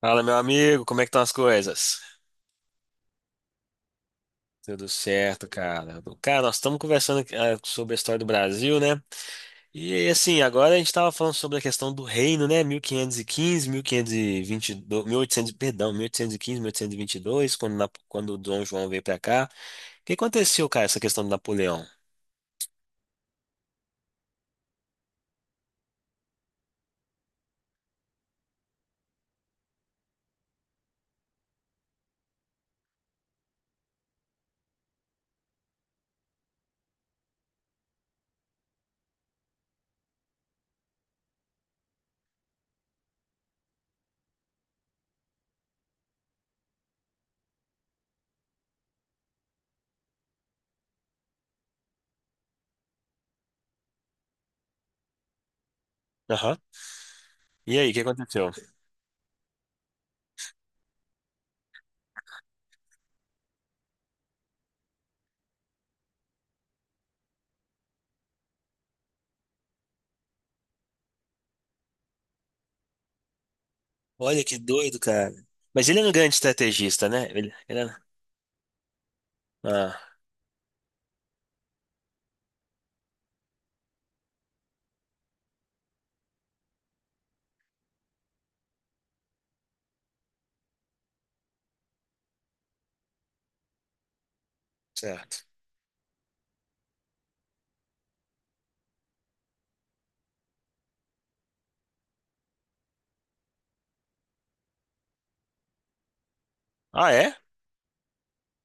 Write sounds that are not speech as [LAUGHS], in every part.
Fala, meu amigo, como é que estão as coisas? Tudo certo, cara. Cara, nós estamos conversando aqui, sobre a história do Brasil, né? E assim, agora a gente estava falando sobre a questão do reino, né? Mil quinhentos e quinze, mil quinhentos e vinte e quinze, 1515, 1522, oitocentos, perdão, mil oitocentos e quinze, 1815, e 1822, quando quando o Dom João veio para cá. O que aconteceu, cara, essa questão do Napoleão? Aham. E aí, o que aconteceu? Olha que doido, cara. Mas ele era um grande estrategista, né? Ele era... Ah, certo. Ah, é?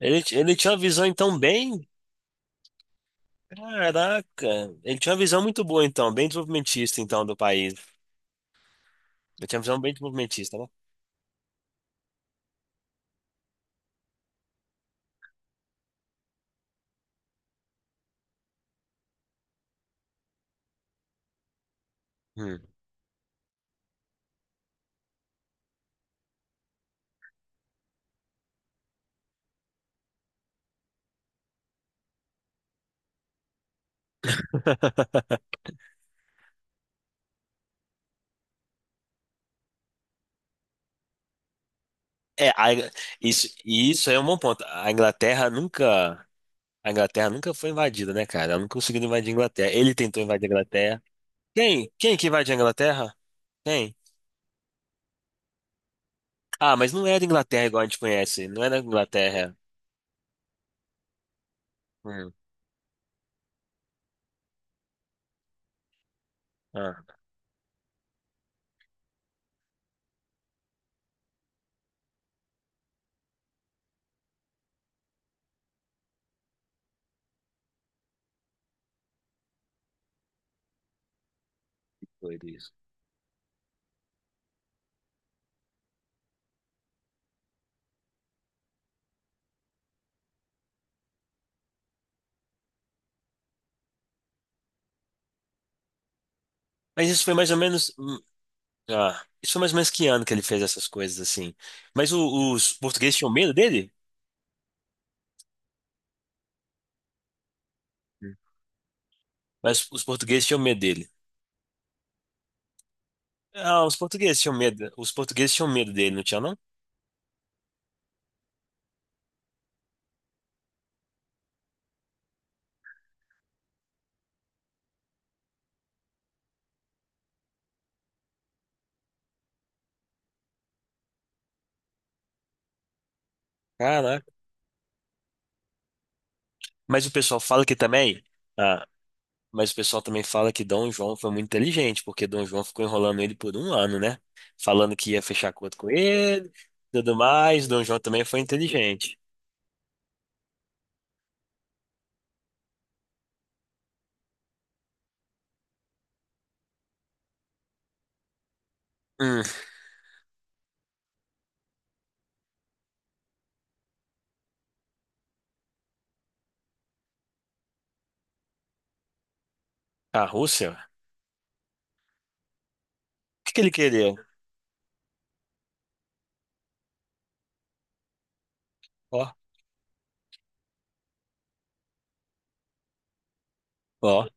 Ele tinha uma visão então bem. Caraca, ele tinha uma visão muito boa então, bem desenvolvimentista então do país. Ele tinha uma visão bem desenvolvimentista, né? Hum. [LAUGHS] É, isso, e isso é um bom ponto. A Inglaterra nunca foi invadida, né, cara? Ela não conseguiu invadir a Inglaterra. Ele tentou invadir a Inglaterra. Quem? Quem que invadiu a Inglaterra? Quem? Ah, mas não era Inglaterra igual a gente conhece. Não era Inglaterra. Hum. Ah, doido isso. Mas isso foi mais ou menos, ah, isso foi mais ou menos que ano que ele fez essas coisas assim. Mas os portugueses tinham medo dele? Hum. Mas os portugueses tinham medo dele. Ah, os portugueses tinham medo. Os portugueses tinham medo dele, não tinha não? Caraca. Mas o pessoal fala que também. Ah, mas o pessoal também fala que Dom João foi muito inteligente, porque Dom João ficou enrolando ele por um ano, né? Falando que ia fechar acordo com ele, tudo mais. Dom João também foi inteligente. Hum, a Rússia? O que que ele queria? Ó, ó.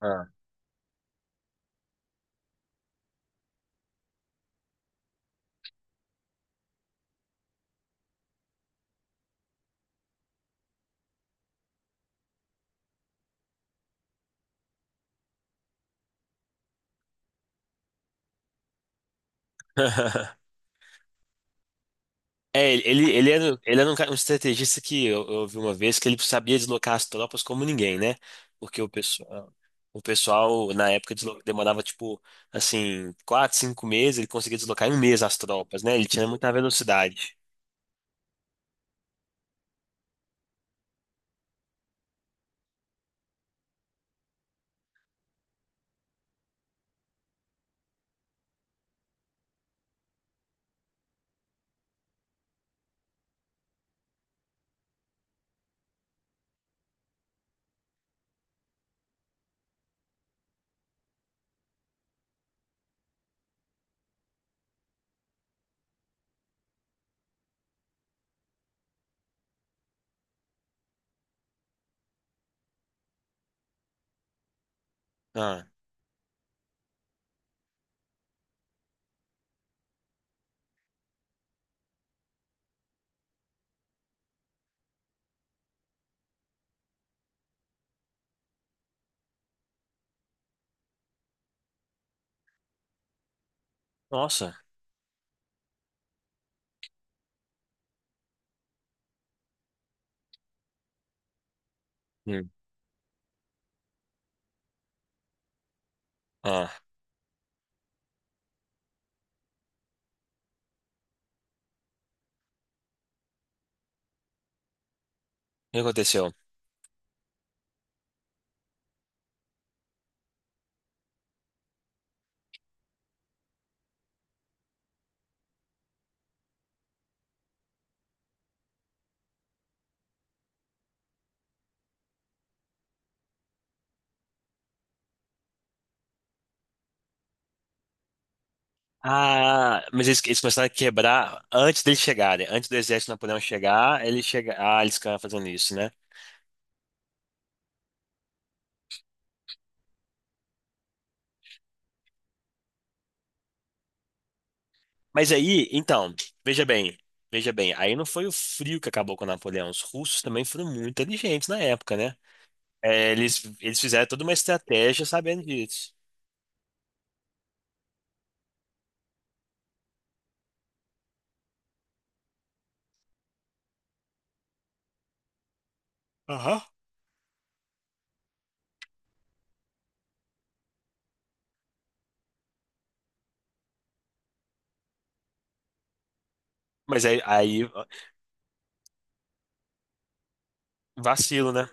Ah. [LAUGHS] É, ele era um um estrategista que eu vi uma vez que ele sabia deslocar as tropas como ninguém, né? Porque o pessoal na época demorava tipo assim 4, 5 meses, ele conseguia deslocar em um mês as tropas, né? Ele tinha muita velocidade. Ah, nossa. Hum. Ah, o que aconteceu? Ah, mas eles começaram a quebrar antes deles chegarem, antes do exército de Napoleão chegar, ele chega, eles ficaram fazendo isso, né? Mas aí, então, veja bem, veja bem, aí não foi o frio que acabou com Napoleão. Os russos também foram muito inteligentes na época, né? É, eles fizeram toda uma estratégia sabendo disso. Aham. Mas aí vacilo, né?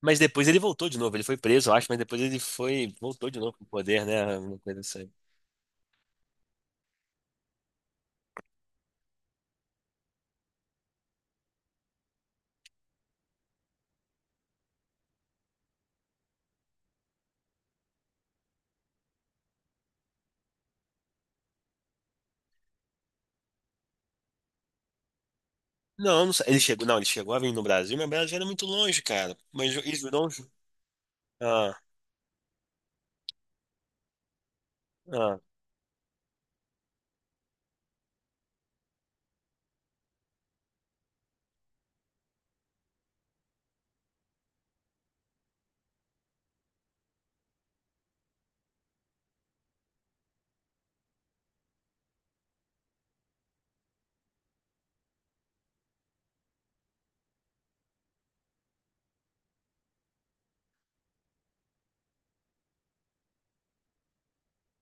Mas depois ele voltou de novo, ele foi preso, eu acho, mas depois ele foi, voltou de novo pro poder, né? Uma coisa assim. Não, não sei. Ele chegou, não, ele chegou a vir no Brasil, mas o Brasil era muito longe, cara. Mas eles não. Ah, ah,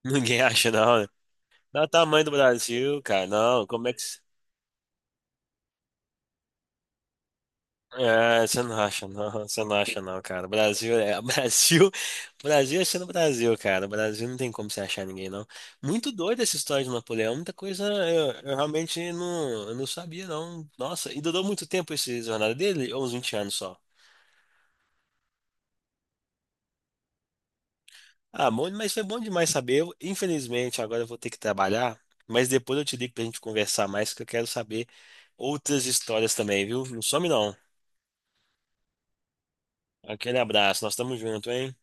Ninguém [LAUGHS] acha, não, né? Dá o tamanho do Brasil, cara. Não, como é que. É, você não acha não, você não acha não, cara. Brasil é [LAUGHS] Brasil, Brasil é sendo Brasil, cara. Brasil não tem como você achar ninguém não. Muito doida essa história de Napoleão, muita coisa eu, realmente não, eu não sabia não. Nossa, e durou muito tempo esse jornada dele, ou uns 20 anos só. Ah, bom, mas foi bom demais saber. Infelizmente, agora eu vou ter que trabalhar, mas depois eu te ligo pra gente conversar mais, que eu quero saber outras histórias também, viu? Não some não. Aquele abraço, nós estamos juntos, hein?